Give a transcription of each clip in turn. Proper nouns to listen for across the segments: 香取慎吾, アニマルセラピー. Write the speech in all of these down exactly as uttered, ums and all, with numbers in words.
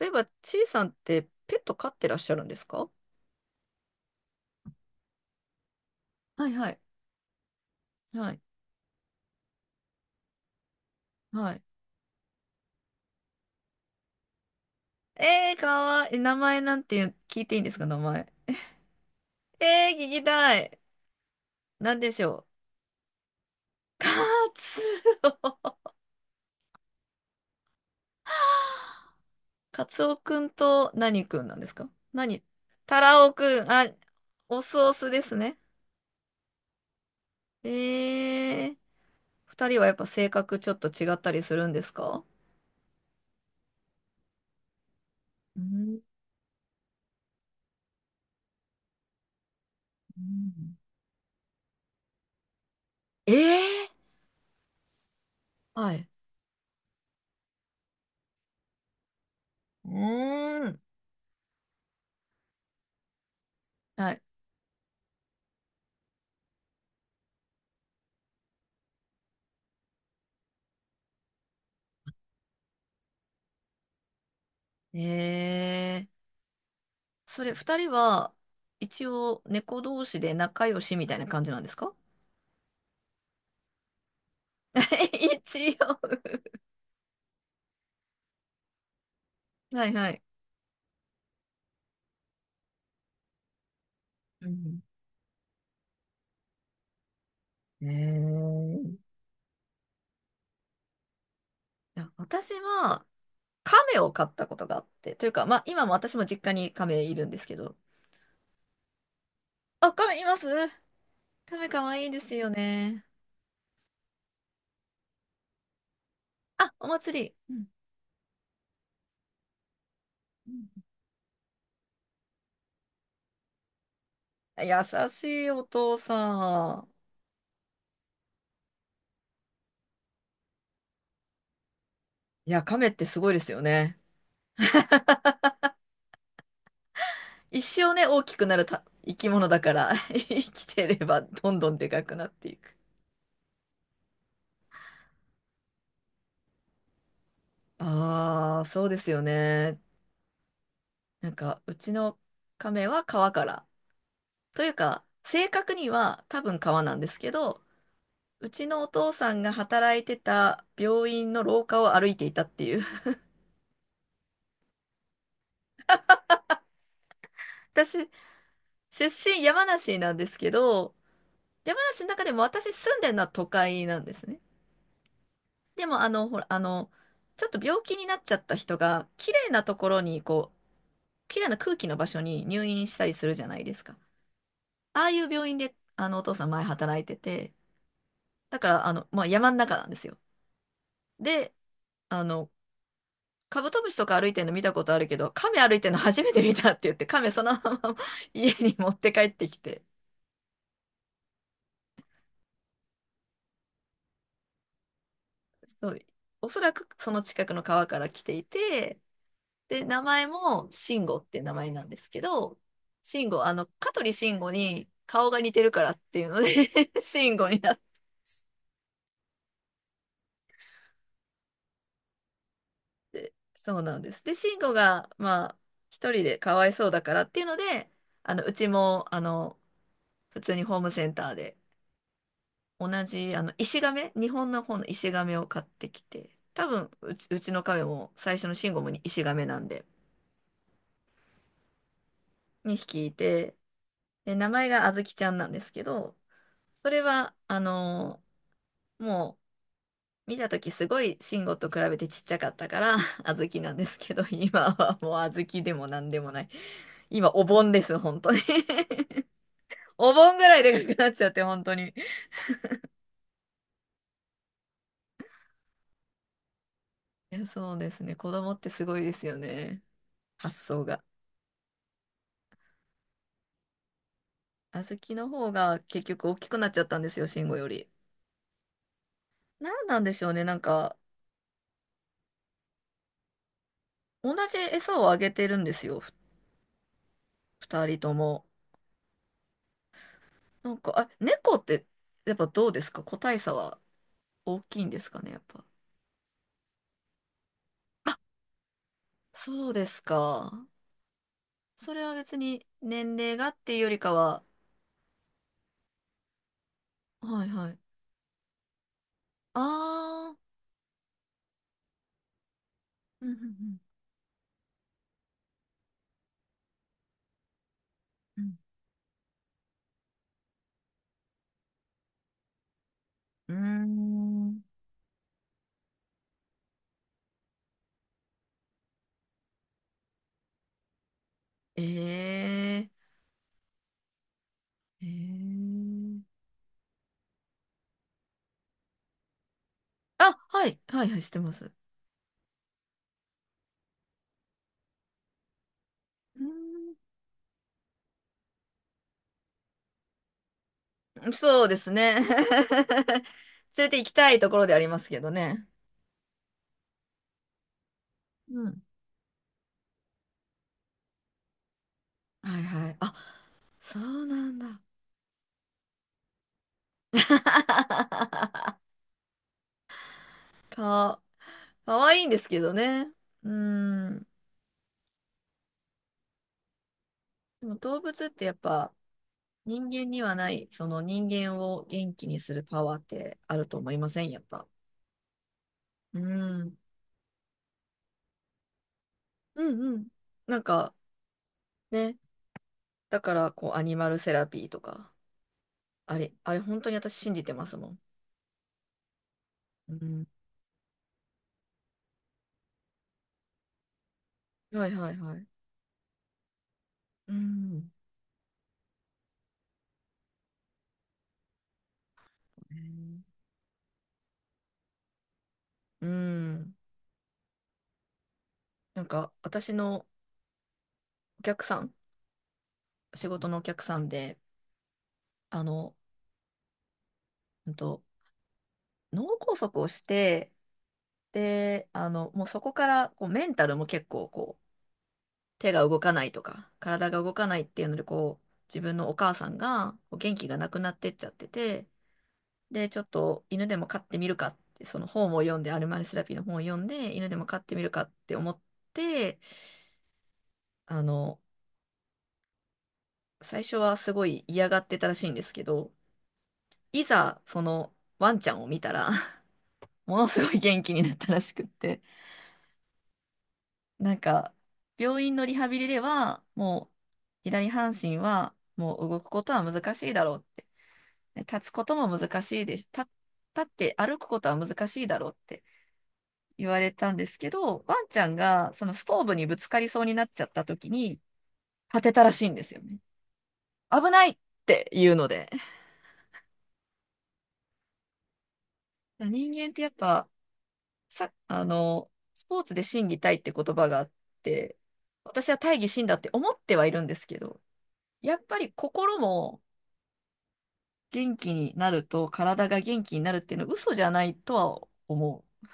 例えば、ちいさんってペット飼ってらっしゃるんですか？はいはい。はい。はい。えー、かわいい。名前なんていう聞いていいんですか、名前。えー、聞きたい。なんでしょう。カツ カツオくんと何くんなんですか？何タラオくん。あ、オスオスですね。えー、二人はやっぱ性格ちょっと違ったりするんですか？うん。うん。えー、はい。うーん。はい。えー。それ、二人は、一応、猫同士で仲良しみたいな感じなんですか？ 一応。はいはい。うん。ええ。いや私は、亀を飼ったことがあって、というか、まあ、今も私も実家に亀いるんですけど。あ、亀います。亀かわいいですよね。あ、お祭り。うんうん。優しいお父さん。いや、亀ってすごいですよね。一生ね、大きくなるた生き物だから、生きてればどんどんでかくなっていく。ああ、そうですよね。なんか、うちの亀は川から。というか、正確には多分川なんですけど、うちのお父さんが働いてた病院の廊下を歩いていたっていう。私、出身山梨なんですけど、山梨の中でも私住んでるのは都会なんですね。でも、あの、ほら、あの、ちょっと病気になっちゃった人が、綺麗なところに、こう、綺麗な空気の場所に入院したりするじゃないですか。ああいう病院で、あの、お父さん前働いてて、だから、あの、まあ、山の中なんですよ。で、あの、カブトムシとか歩いてるの見たことあるけど、カメ歩いてるの初めて見たって言って、カメそのまま 家に持って帰ってきて、そう、おそらくその近くの川から来ていて、で、名前もシンゴって名前なんですけど、シンゴ、あの、香取慎吾に顔が似てるからっていうので シンゴになって、そうなんです。で、シンゴが、まあ、一人でかわいそうだからっていうので、あの、うちも、あの、普通にホームセンターで、同じ、あの、石亀、日本の方の石亀を買ってきて、多分、うち、うちの亀も最初の慎吾もに石亀なんで、にひきいて、で、名前があずきちゃんなんですけど、それは、あのーもう、見た時すごい慎吾と比べてちっちゃかったから、あずきなんですけど、今はもうあずきでもなんでもない。今、お盆です、本当に。 お盆ぐらいでかくなっちゃって、本当に。いやそうですね。子供ってすごいですよね。発想が。小豆の方が結局大きくなっちゃったんですよ、慎吾より。なんなんでしょうね、なんか、同じ餌をあげてるんですよ、ふ二人とも。なんか、あ、猫って、やっぱどうですか個体差は大きいんですかね、やっぱ。そうですか。それは別に年齢がっていうよりかは、はいはい。あー、うんうんうん。うーん。えー、えー。あ、はい、はいはい、してます。うーん、そうですね。連れて行きたいところでありますけどね。うん。はいはい。あ、そうなんだ。か、かわいいんですけどね。うん。でも動物ってやっぱ人間にはない、その人間を元気にするパワーってあると思いません？やっぱ。うん。うんうん。なんかね、だからこうアニマルセラピーとか、あれ、あれ本当に私信じてますもん。うん。はいはいはい。うん。うんうん。なんか、私のお客さん、仕事のお客さんで、あの、うんと、脳梗塞をして、で、あの、もうそこから、こう、メンタルも結構、こう、手が動かないとか、体が動かないっていうので、こう、自分のお母さんが、こう元気がなくなってっちゃってて、で、ちょっと犬でも飼ってみるかって、その本を読んで、アルマルセラピーの本を読んで、犬でも飼ってみるかって思って、あの、最初はすごい嫌がってたらしいんですけど、いざ、その、ワンちゃんを見たら ものすごい元気になったらしくって。なんか、病院のリハビリでは、もう、左半身は、もう動くことは難しいだろうって。で立つことも難しいです。立、立って歩くことは難しいだろうって言われたんですけど、ワンちゃんが、そのストーブにぶつかりそうになっちゃった時に、立てたらしいんですよね。危ないっていうので。人間ってやっぱ、さ、あの、スポーツで心技体って言葉があって、私は大義心だって思ってはいるんですけど、やっぱり心も元気になると体が元気になるっていうのは嘘じゃないとは思う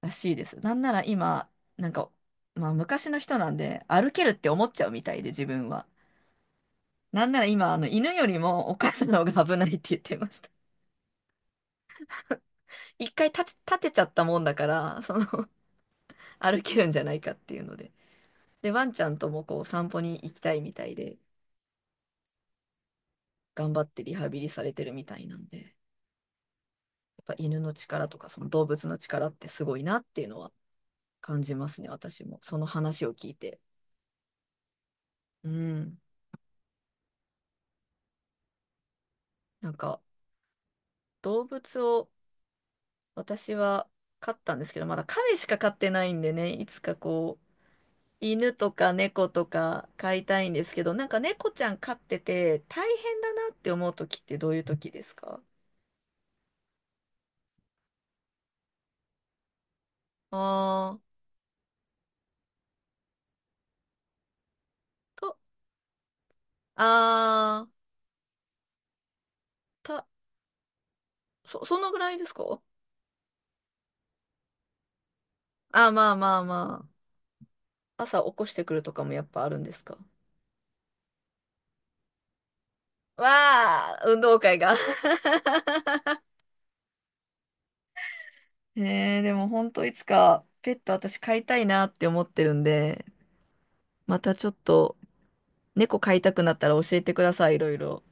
らしいです。なんなら今、なんか、まあ昔の人なんで歩けるって思っちゃうみたいで自分は。なんなら今、あの犬よりもお母さんの方が危ないって言ってました。一回立て、立てちゃったもんだから、その歩けるんじゃないかっていうので。で、ワンちゃんともこう散歩に行きたいみたいで、頑張ってリハビリされてるみたいなんで、やっぱ犬の力とかその動物の力ってすごいなっていうのは感じますね、私も。その話を聞いて。うん。なんか、動物を私は飼ったんですけど、まだ亀しか飼ってないんでね、いつかこう、犬とか猫とか飼いたいんですけど、なんか猫ちゃん飼ってて大変だなって思う時ってどういう時ですか？あー、と、あー、そ、そのぐらいですか？あ、まあまあまあ。朝起こしてくるとかもやっぱあるんですか？わあ、運動会が。ねえでも本当いつかペット私飼いたいなって思ってるんで、またちょっと猫飼いたくなったら教えてください、いろいろ。